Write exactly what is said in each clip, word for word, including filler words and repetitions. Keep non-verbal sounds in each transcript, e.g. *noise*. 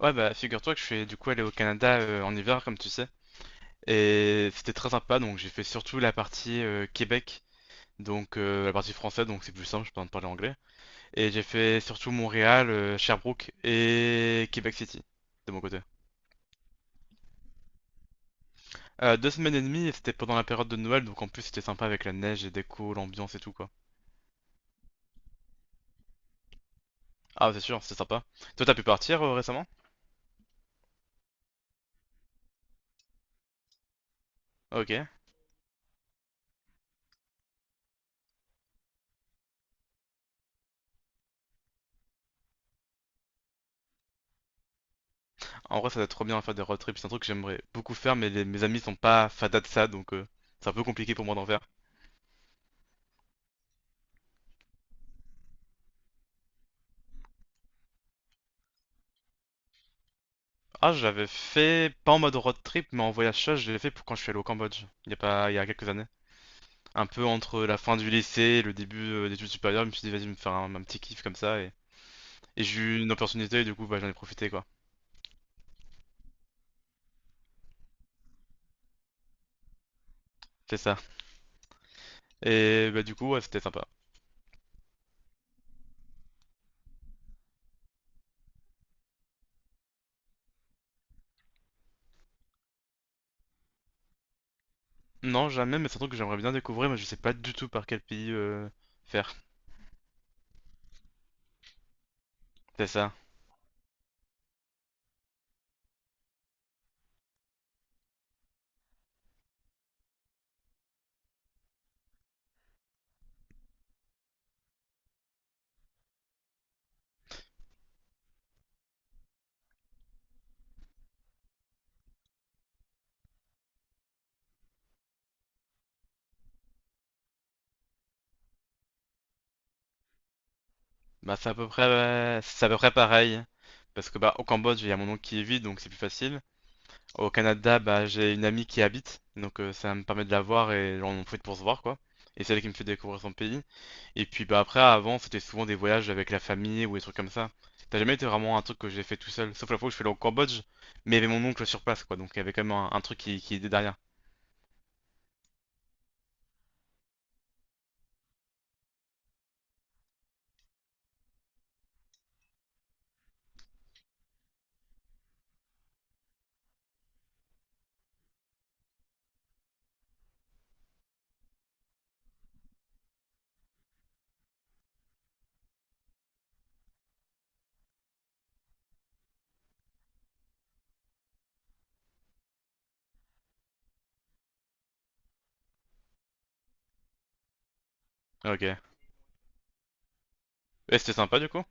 Ouais, bah figure-toi que je suis du coup allé au Canada, euh, en hiver, comme tu sais. Et c'était très sympa, donc j'ai fait surtout la partie euh, Québec, donc euh, la partie française, donc c'est plus simple, je peux en parler anglais. Et j'ai fait surtout Montréal, euh, Sherbrooke et Québec City, de mon côté. Euh, deux semaines et demie, et c'était pendant la période de Noël, donc en plus c'était sympa avec la neige, les décos, l'ambiance et tout, quoi. Ah, c'est sûr, c'est sympa. Toi, t'as pu partir euh, récemment? Ok. En vrai, ça doit être trop bien à faire des road trips, c'est un truc que j'aimerais beaucoup faire, mais les- mes amis sont pas fadas de ça, donc euh, c'est un peu compliqué pour moi d'en faire. Ah, je l'avais fait, pas en mode road trip, mais en voyage seul, je l'ai fait pour quand je suis allé au Cambodge, il y a pas, il y a quelques années. Un peu entre la fin du lycée et le début euh, d'études supérieures, je me suis dit, vas-y, me faire un, un petit kiff comme ça, et, et j'ai eu une opportunité, et du coup, bah, j'en ai profité, quoi. C'est ça. Et bah, du coup, ouais, c'était sympa. Non, jamais, mais c'est un truc que j'aimerais bien découvrir, mais je sais pas du tout par quel pays euh, faire. C'est ça. Bah, c'est à peu près, ouais, c'est à peu près pareil. Parce que bah, au Cambodge, il y a mon oncle qui est vide, donc c'est plus facile. Au Canada, bah, j'ai une amie qui y habite, donc euh, ça me permet de la voir et genre, on en profite pour se voir, quoi. Et c'est elle qui me fait découvrir son pays. Et puis bah après, avant, c'était souvent des voyages avec la famille ou des trucs comme ça. T'as jamais été vraiment un truc que j'ai fait tout seul, sauf la fois où je suis allé au Cambodge, mais il y avait mon oncle sur place, quoi, donc il y avait quand même un, un truc qui, qui était derrière. Ok. Et c'était sympa du coup.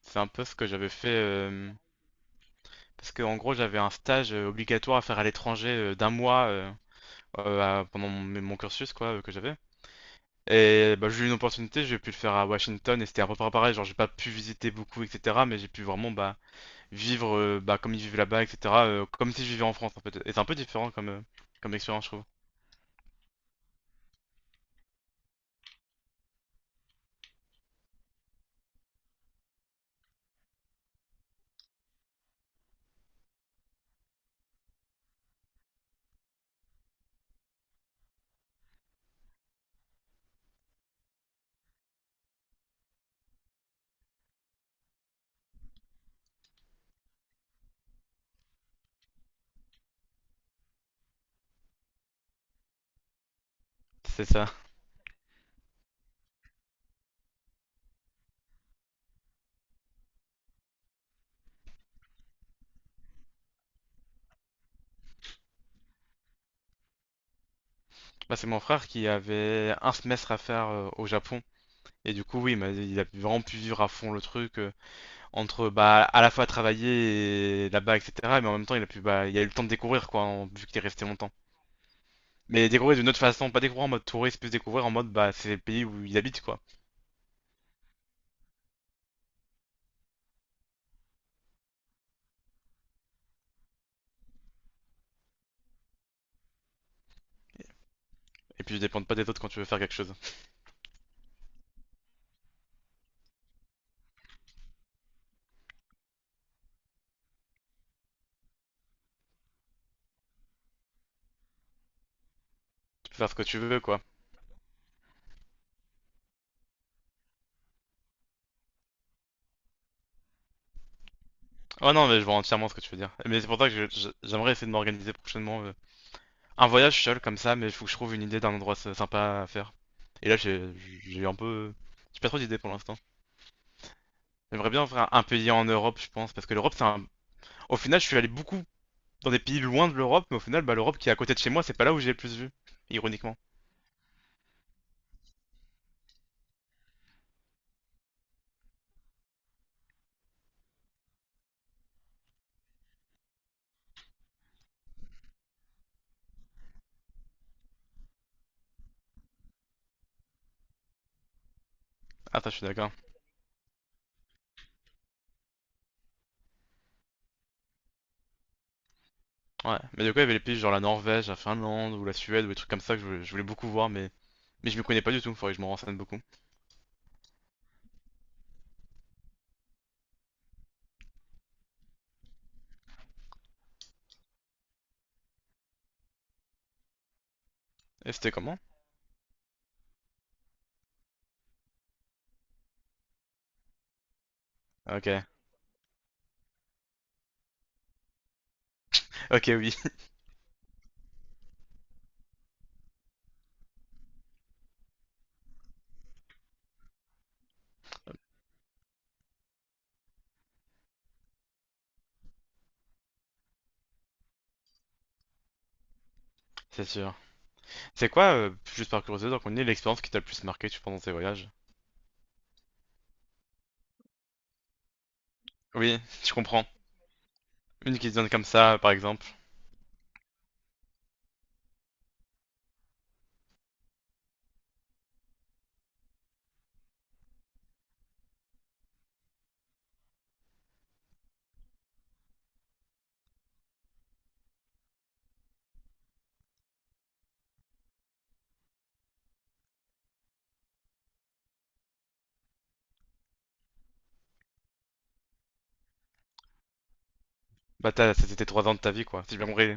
C'est un peu ce que j'avais fait, euh, parce que en gros, j'avais un stage euh, obligatoire à faire à l'étranger euh, d'un mois, euh, euh, à- pendant mon, mon cursus, quoi, euh, que j'avais. Et bah, j'ai eu une opportunité, j'ai pu le faire à Washington et c'était à peu près pareil, genre j'ai pas pu visiter beaucoup, et cætera. Mais j'ai pu vraiment bah, vivre euh, bah, comme ils vivent là-bas, et cætera euh, comme si je vivais en France en fait. Et c'est un peu différent comme, euh, comme expérience, je trouve. C'est ça. Là, c'est mon frère qui avait un semestre à faire euh, au Japon. Et du coup, oui, bah, il a vraiment pu vivre à fond le truc, euh, entre bah, à la fois travailler et là-bas, et cætera. Mais en même temps, il a pu, bah, il a eu le temps de découvrir, quoi, en- vu qu'il est resté longtemps. Mais découvrir d'une autre façon, pas découvrir en mode touriste, plus découvrir en mode, bah, c'est le pays où il habite, quoi. Et puis, dépendre pas des autres quand tu veux faire quelque chose. Tu peux faire ce que tu veux, quoi. Oh non, mais je vois entièrement ce que tu veux dire. Mais c'est pour ça que je- je- j'aimerais essayer de m'organiser prochainement euh, un voyage seul comme ça, mais il faut que je trouve une idée d'un endroit s- sympa à faire. Et là, j'ai j'ai eu un peu. J'ai pas trop d'idées pour l'instant. J'aimerais bien faire un, un pays en Europe, je pense, parce que l'Europe, c'est un. Au final, je suis allé beaucoup dans des pays loin de l'Europe, mais au final, bah, l'Europe qui est à côté de chez moi, c'est pas là où j'ai le plus vu. Ironiquement. Ah, ça, je suis d'accord. Ouais. Mais du coup, il y avait les pays genre la Norvège, la Finlande, ou la Suède, ou des trucs comme ça que je voulais, je voulais beaucoup voir, mais. Mais je me connais pas du tout, faudrait que je m'en renseigne beaucoup. Et c'était comment? Ok. Ok, oui, *laughs* c'est sûr. C'est quoi, euh, juste par curiosité, donc on est l'expérience qui t'a le plus marqué tu, pendant tes voyages? Oui, je comprends. Une qui se donne comme ça, par exemple. Bah, t'as, c'était trois ans de ta vie, quoi, si j'ai bien compris.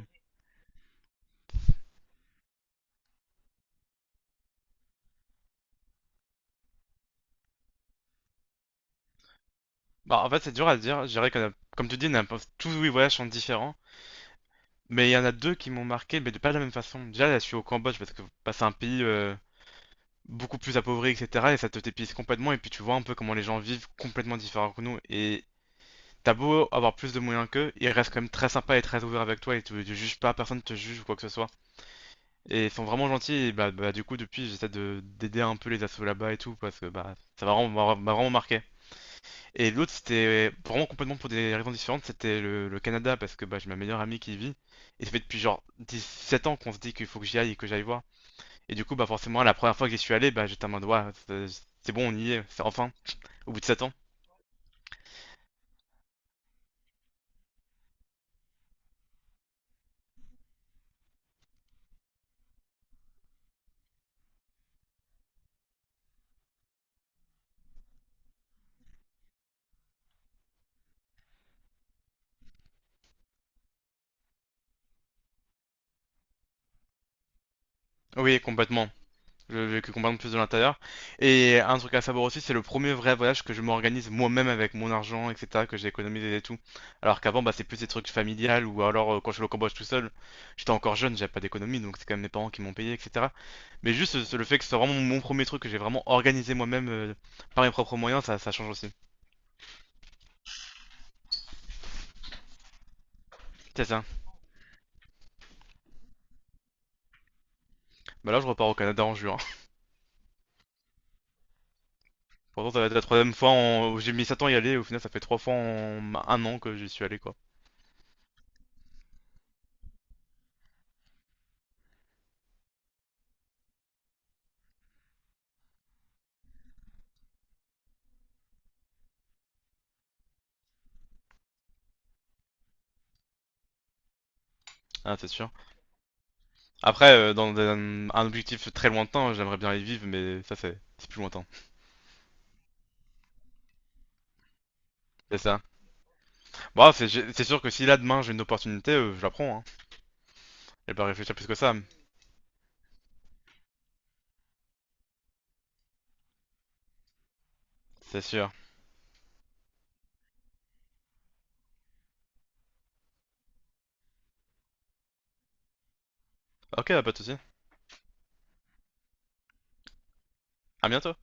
Bah, en fait, c'est dur à dire. Je dirais qu'on Comme tu dis, on a tous les voyages sont différents. Mais il y en a deux qui m'ont marqué, mais de pas de la même façon. Déjà, là, je suis au Cambodge parce que c'est un pays euh, beaucoup plus appauvri, et cætera. Et ça te t'épuise complètement. Et puis, tu vois un peu comment les gens vivent complètement différents que nous. Et t'as beau avoir plus de moyens qu'eux, ils restent quand même très sympas et très ouverts avec toi et tu, tu juges pas, personne te juge ou quoi que ce soit. Et ils sont vraiment gentils et bah, bah, du coup depuis j'essaie de d'aider un peu les assos là-bas et tout parce que bah ça m'a vraiment, m'a- m'a vraiment marqué. Et l'autre c'était vraiment complètement pour des raisons différentes, c'était le, le Canada parce que bah j'ai ma meilleure amie qui y vit et ça fait depuis genre dix-sept ans qu'on se dit qu'il faut que j'y aille et que j'aille voir. Et du coup bah forcément la première fois que j'y suis allé bah j'étais en mode ouais c'est c'est bon on y est, c'est enfin au bout de sept ans. Oui, complètement. Je- que comprendre plus de l'intérieur. Et un truc à savoir aussi, c'est le premier vrai voyage que je m'organise moi-même avec mon argent, et cætera, que j'ai économisé et tout. Alors qu'avant, bah, c'est plus des trucs familiales ou alors euh, quand je suis au Cambodge tout seul, j'étais encore jeune, j'avais pas d'économie, donc c'est quand même mes parents qui m'ont payé, et cætera. Mais juste ce- le fait que ce soit vraiment mon premier truc que j'ai vraiment organisé moi-même euh, par mes propres moyens, ça, ça change aussi. C'est ça. Bah là, je repars au Canada en juin. *laughs* Pourtant, ça va être la troisième fois en- où j'ai mis sept ans à y aller, et au final, ça fait trois fois en un an que j'y suis allé, quoi. Ah, c'est sûr. Après, euh, dans un, un objectif très lointain, j'aimerais bien les vivre, mais ça, c'est c'est plus lointain. C'est ça. Bon, c'est j'ai- c'est sûr que si là, demain, j'ai une opportunité, euh, je la prends. Hein. Je vais pas réfléchir plus que ça, c'est sûr. Ok, bah, pas de soucis. À bientôt.